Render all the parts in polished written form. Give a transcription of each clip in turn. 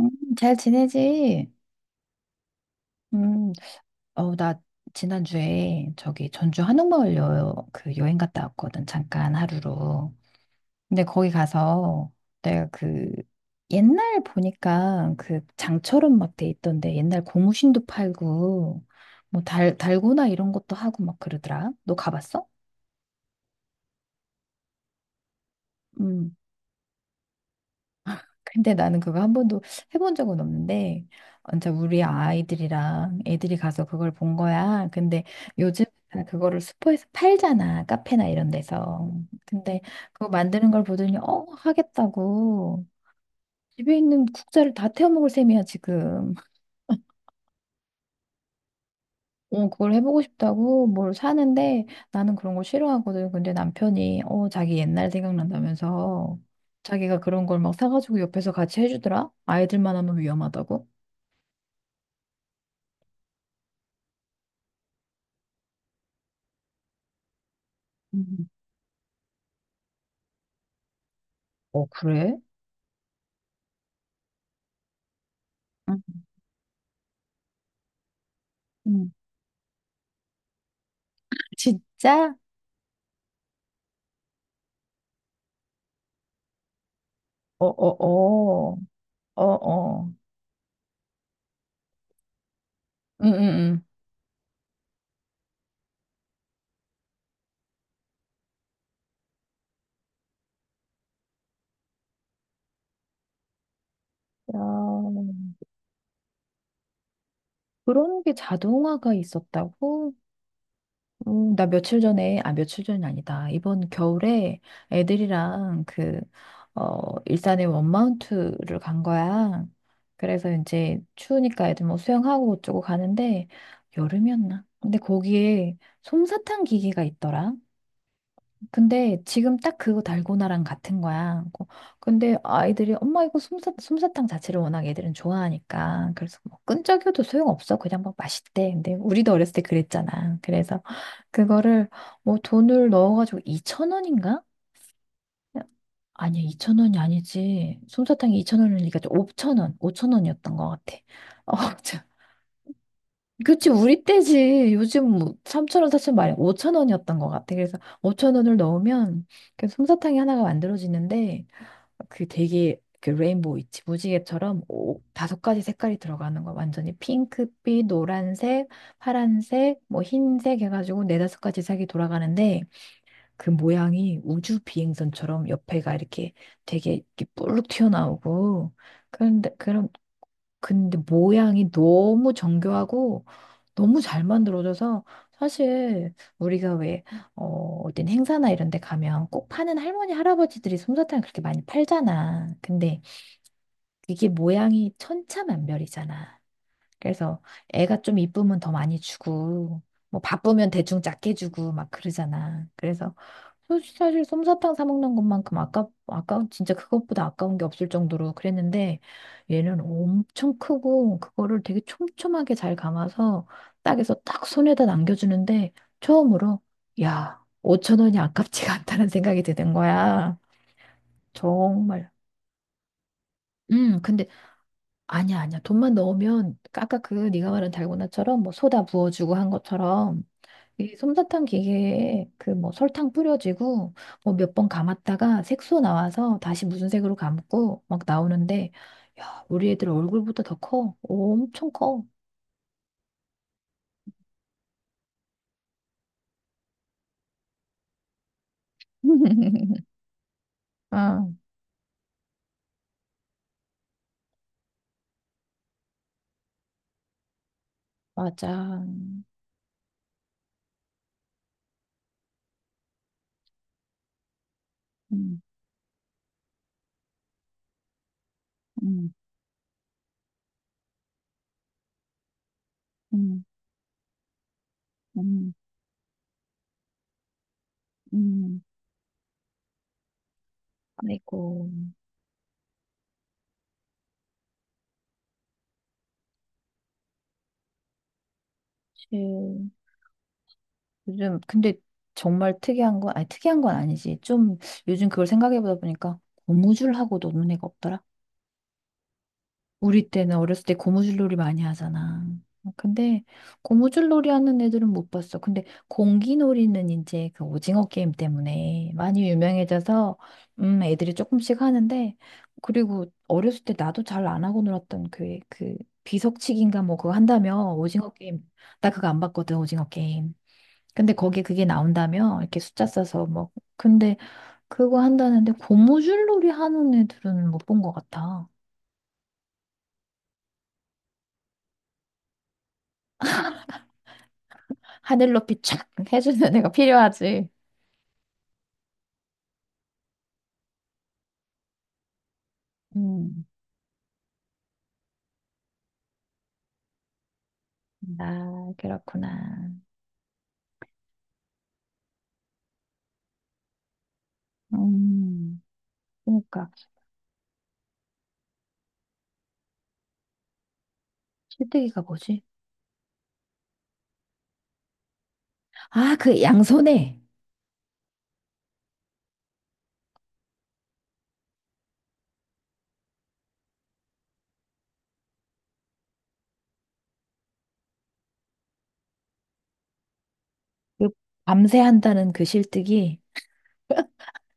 음, 잘 지내지? 음, 나 지난주에 저기 전주 한옥마을 그 여행 갔다 왔거든, 잠깐 하루로. 근데 거기 가서 내가 그 옛날 보니까 그 장처럼 막 돼 있던데 옛날 고무신도 팔고 뭐 달고나 이런 것도 하고 막 그러더라. 너 가봤어? 음. 근데 나는 그거 한 번도 해본 적은 없는데, 진짜 우리 아이들이랑 애들이 가서 그걸 본 거야. 근데 요즘 다 그거를 슈퍼에서 팔잖아. 카페나 이런 데서. 근데 그거 만드는 걸 보더니, 하겠다고. 집에 있는 국자를 다 태워 먹을 셈이야, 지금. 그걸 해보고 싶다고 뭘 사는데 나는 그런 거 싫어하거든. 근데 남편이, 자기 옛날 생각난다면서 자기가 그런 걸 막 사가지고 옆에서 같이 해주더라? 아이들만 하면 위험하다고? 어, 그래? 응, 응, 진짜? 어, 어, 어, 어, 어. 응, 응, 야, 응. 야, 그런 게 자동화가 있었다고? 나 며칠 전에, 아, 며칠 전이 아니다. 이번 겨울에 애들이랑 일산에 원마운트를 간 거야. 그래서 이제 추우니까 애들 뭐 수영하고 어쩌고 가는데, 여름이었나? 근데 거기에 솜사탕 기계가 있더라. 근데 지금 딱 그거 달고나랑 같은 거야. 어, 근데 아이들이 엄마 이거 솜사탕 자체를 워낙 애들은 좋아하니까 그래서 뭐 끈적여도 소용없어. 그냥 막 맛있대. 근데 우리도 어렸을 때 그랬잖아. 그래서 그거를 뭐 돈을 넣어가지고 2천 원인가? 아니야 2천 원이 아니지. 솜사탕이 2천 원이니까 5천 원, 5천 원이었던 것 같아. 어, 그치, 우리 때지. 요즘 뭐 3,000원, 4,000원 말이 5,000원이었던 것 같아. 그래서 5,000원을 넣으면 그 솜사탕이 하나가 만들어지는데 그 되게 그 레인보우 있지. 무지개처럼 오, 다섯 가지 색깔이 들어가는 거. 완전히 핑크빛, 노란색, 파란색, 뭐 흰색 해가지고 네다섯 가지 색이 돌아가는데 그 모양이 우주 비행선처럼 옆에가 이렇게 되게 이렇게 뿔룩 튀어나오고 그런데 그런 근데 모양이 너무 정교하고 너무 잘 만들어져서 사실 우리가 왜 어떤 행사나 이런 데 가면 꼭 파는 할머니 할아버지들이 솜사탕을 그렇게 많이 팔잖아. 근데 이게 모양이 천차만별이잖아. 그래서 애가 좀 이쁘면 더 많이 주고 뭐 바쁘면 대충 작게 주고 막 그러잖아. 그래서 솔직히 사실 솜사탕 사 먹는 것만큼 아까 진짜 그것보다 아까운 게 없을 정도로 그랬는데 얘는 엄청 크고 그거를 되게 촘촘하게 잘 감아서 딱해서 딱 손에다 남겨주는데 처음으로 야 5천 원이 아깝지가 않다는 생각이 드는 거야 정말. 근데 아니야 돈만 넣으면 아까 그 네가 말한 달고나처럼 뭐 소다 부어주고 한 것처럼 이 솜사탕 기계에 그 뭐 설탕 뿌려지고 뭐 몇 번 감았다가 색소 나와서 다시 무슨 색으로 감고 막 나오는데 야, 우리 애들 얼굴보다 더 커. 엄청 커. 아, 맞아. 음, 음, 음, 음, 음. 아이고. 실 요즘 근데 정말 특이한 건 아니 특이한 건 아니지. 좀 요즘 그걸 생각해 보다 보니까 고무줄하고도 노는 애가 없더라. 우리 때는 어렸을 때 고무줄놀이 많이 하잖아. 근데 고무줄놀이 하는 애들은 못 봤어. 근데 공기놀이는 이제 그 오징어 게임 때문에 많이 유명해져서 애들이 조금씩 하는데 그리고 어렸을 때 나도 잘 안 하고 놀았던 그 비석치기인가 뭐 그거 한다며 오징어 게임. 나 그거 안 봤거든 오징어 게임. 근데 거기에 그게 나온다며 이렇게 숫자 써서 뭐 근데 그거 한다는데 고무줄놀이 하는 애들은 못 본 것 같아. 하늘 높이 촥 해주는 애가 필요하지. 음. 아, 그렇구나. 음. 그러니까 실뜨기가 뭐지? 아, 그 양손에 그 밤새 한다는 그 실뜨기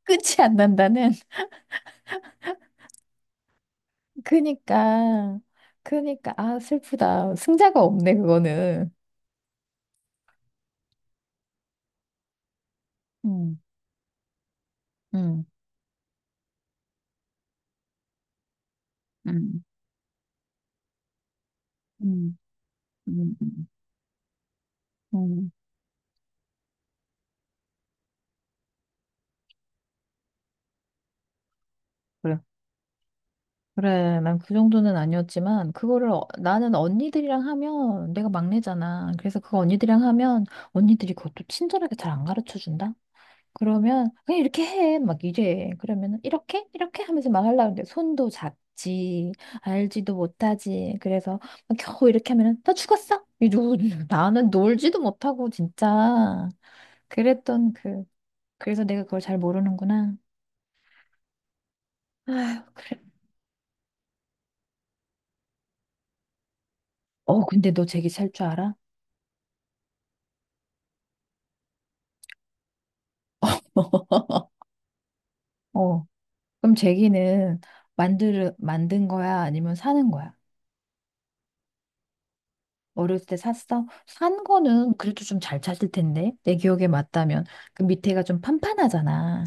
끝이 안 난다는. 그니까, 그니까, 아, 슬프다. 승자가 없네, 그거는. 음. 음. 음. 음. 음. 음. 음. 그래, 난 그 정도는 아니었지만, 그거를, 나는 언니들이랑 하면, 내가 막내잖아. 그래서 그거 언니들이랑 하면, 언니들이 그것도 친절하게 잘 안 가르쳐 준다? 그러면, 그냥 이렇게 해. 막 이래. 그러면, 이렇게? 이렇게 하면서 막 하려고 하는데, 손도 작지, 알지도 못하지. 그래서, 막 겨우 이렇게 하면은, 나 죽었어? 이러고, 나는 놀지도 못하고, 진짜. 그랬던 그래서 내가 그걸 잘 모르는구나. 아휴, 그래. 어, 근데 너 제기 살 줄 알아? 어. 그럼 제기는 만든 거야? 아니면 사는 거야? 어렸을 때 샀어? 산 거는 그래도 좀 잘 찾을 텐데. 내 기억에 맞다면. 그 밑에가 좀 판판하잖아.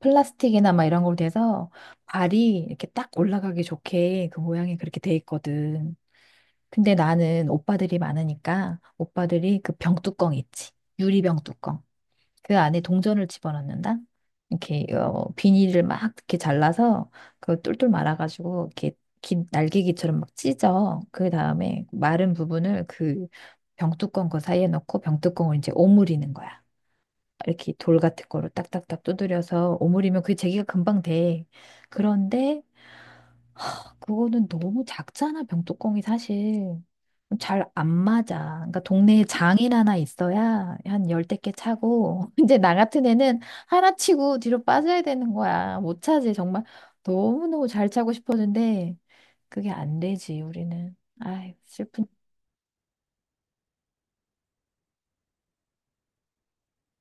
플라스틱이나 막 이런 걸로 돼서 발이 이렇게 딱 올라가기 좋게 그 모양이 그렇게 돼 있거든. 근데 나는 오빠들이 많으니까 오빠들이 그 병뚜껑 있지. 유리병 뚜껑. 그 안에 동전을 집어넣는다? 이렇게 비닐을 막 이렇게 잘라서 그거 똘똘 말아가지고 이렇게 긴 날개기처럼 막 찢어. 그 다음에 마른 부분을 그 병뚜껑 그 사이에 넣고 병뚜껑을 이제 오므리는 거야. 이렇게 돌 같은 거로 딱딱딱 두드려서 오므리면 그 제기가 금방 돼. 그런데 그거는 너무 작잖아, 병뚜껑이 사실. 잘 안 맞아. 그러니까 동네에 장일 하나 있어야 한 열댓 개 차고, 이제 나 같은 애는 하나 치고 뒤로 빠져야 되는 거야. 못 차지, 정말. 너무너무 잘 차고 싶었는데, 그게 안 되지, 우리는. 아이, 슬픈,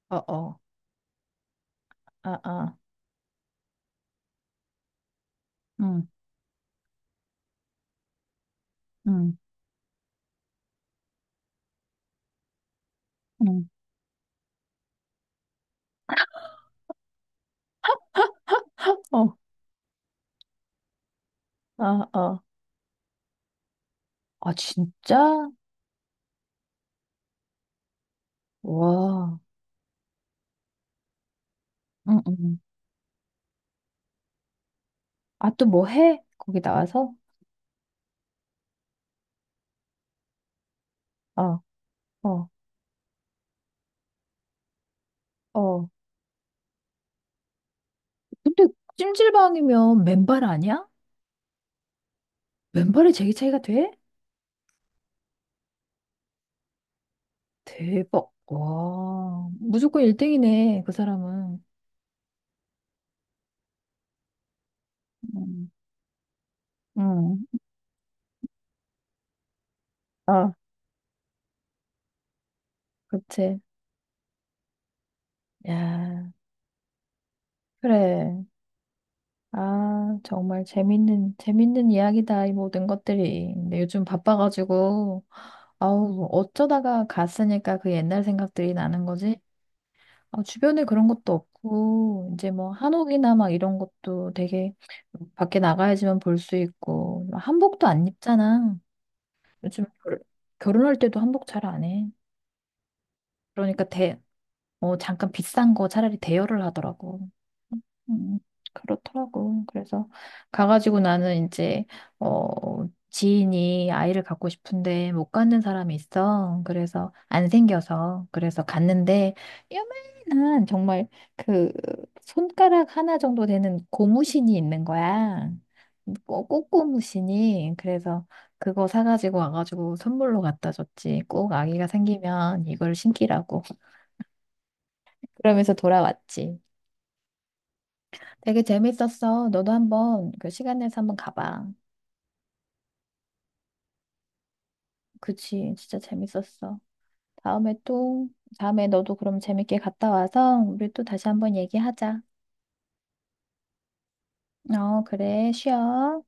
어, 어, 아, 아, 응, 응, 응, 어, 아, 아. 아, 진짜? 와, 응, 응. 응. 아, 또 뭐 해? 거기 나와서? 어, 어, 어. 근데 찜질방이면 맨발 아니야? 맨발에 제기 차이가 돼? 대박. 와, 무조건 1등이네, 그 사람은. 음, 음. 아, 그치. 야, 그래. 아, 정말 재밌는 이야기다, 이 모든 것들이. 근데 요즘 바빠가지고, 아우, 어쩌다가 갔으니까 그 옛날 생각들이 나는 거지. 아, 주변에 그런 것도 없고, 이제 뭐 한옥이나 막 이런 것도 되게 밖에 나가야지만 볼 수 있고, 한복도 안 입잖아. 요즘 결혼할 때도 한복 잘 안 해. 그러니까 잠깐 비싼 거 차라리 대여를 하더라고. 음, 그렇더라고. 그래서 가가지고 나는 이제 지인이 아이를 갖고 싶은데 못 갖는 사람이 있어. 그래서 안 생겨서 그래서 갔는데 요만한 정말 그 손가락 하나 정도 되는 고무신이 있는 거야. 꽃고무신이 그래서 그거 사가지고 와가지고 선물로 갖다 줬지. 꼭 아기가 생기면 이걸 신기라고. 그러면서 돌아왔지. 되게 재밌었어. 너도 한번 그 시간 내서 한번 가봐. 그치, 진짜 재밌었어. 다음에 또, 다음에 너도 그럼 재밌게 갔다 와서 우리 또 다시 한번 얘기하자. 어, 그래, 쉬어.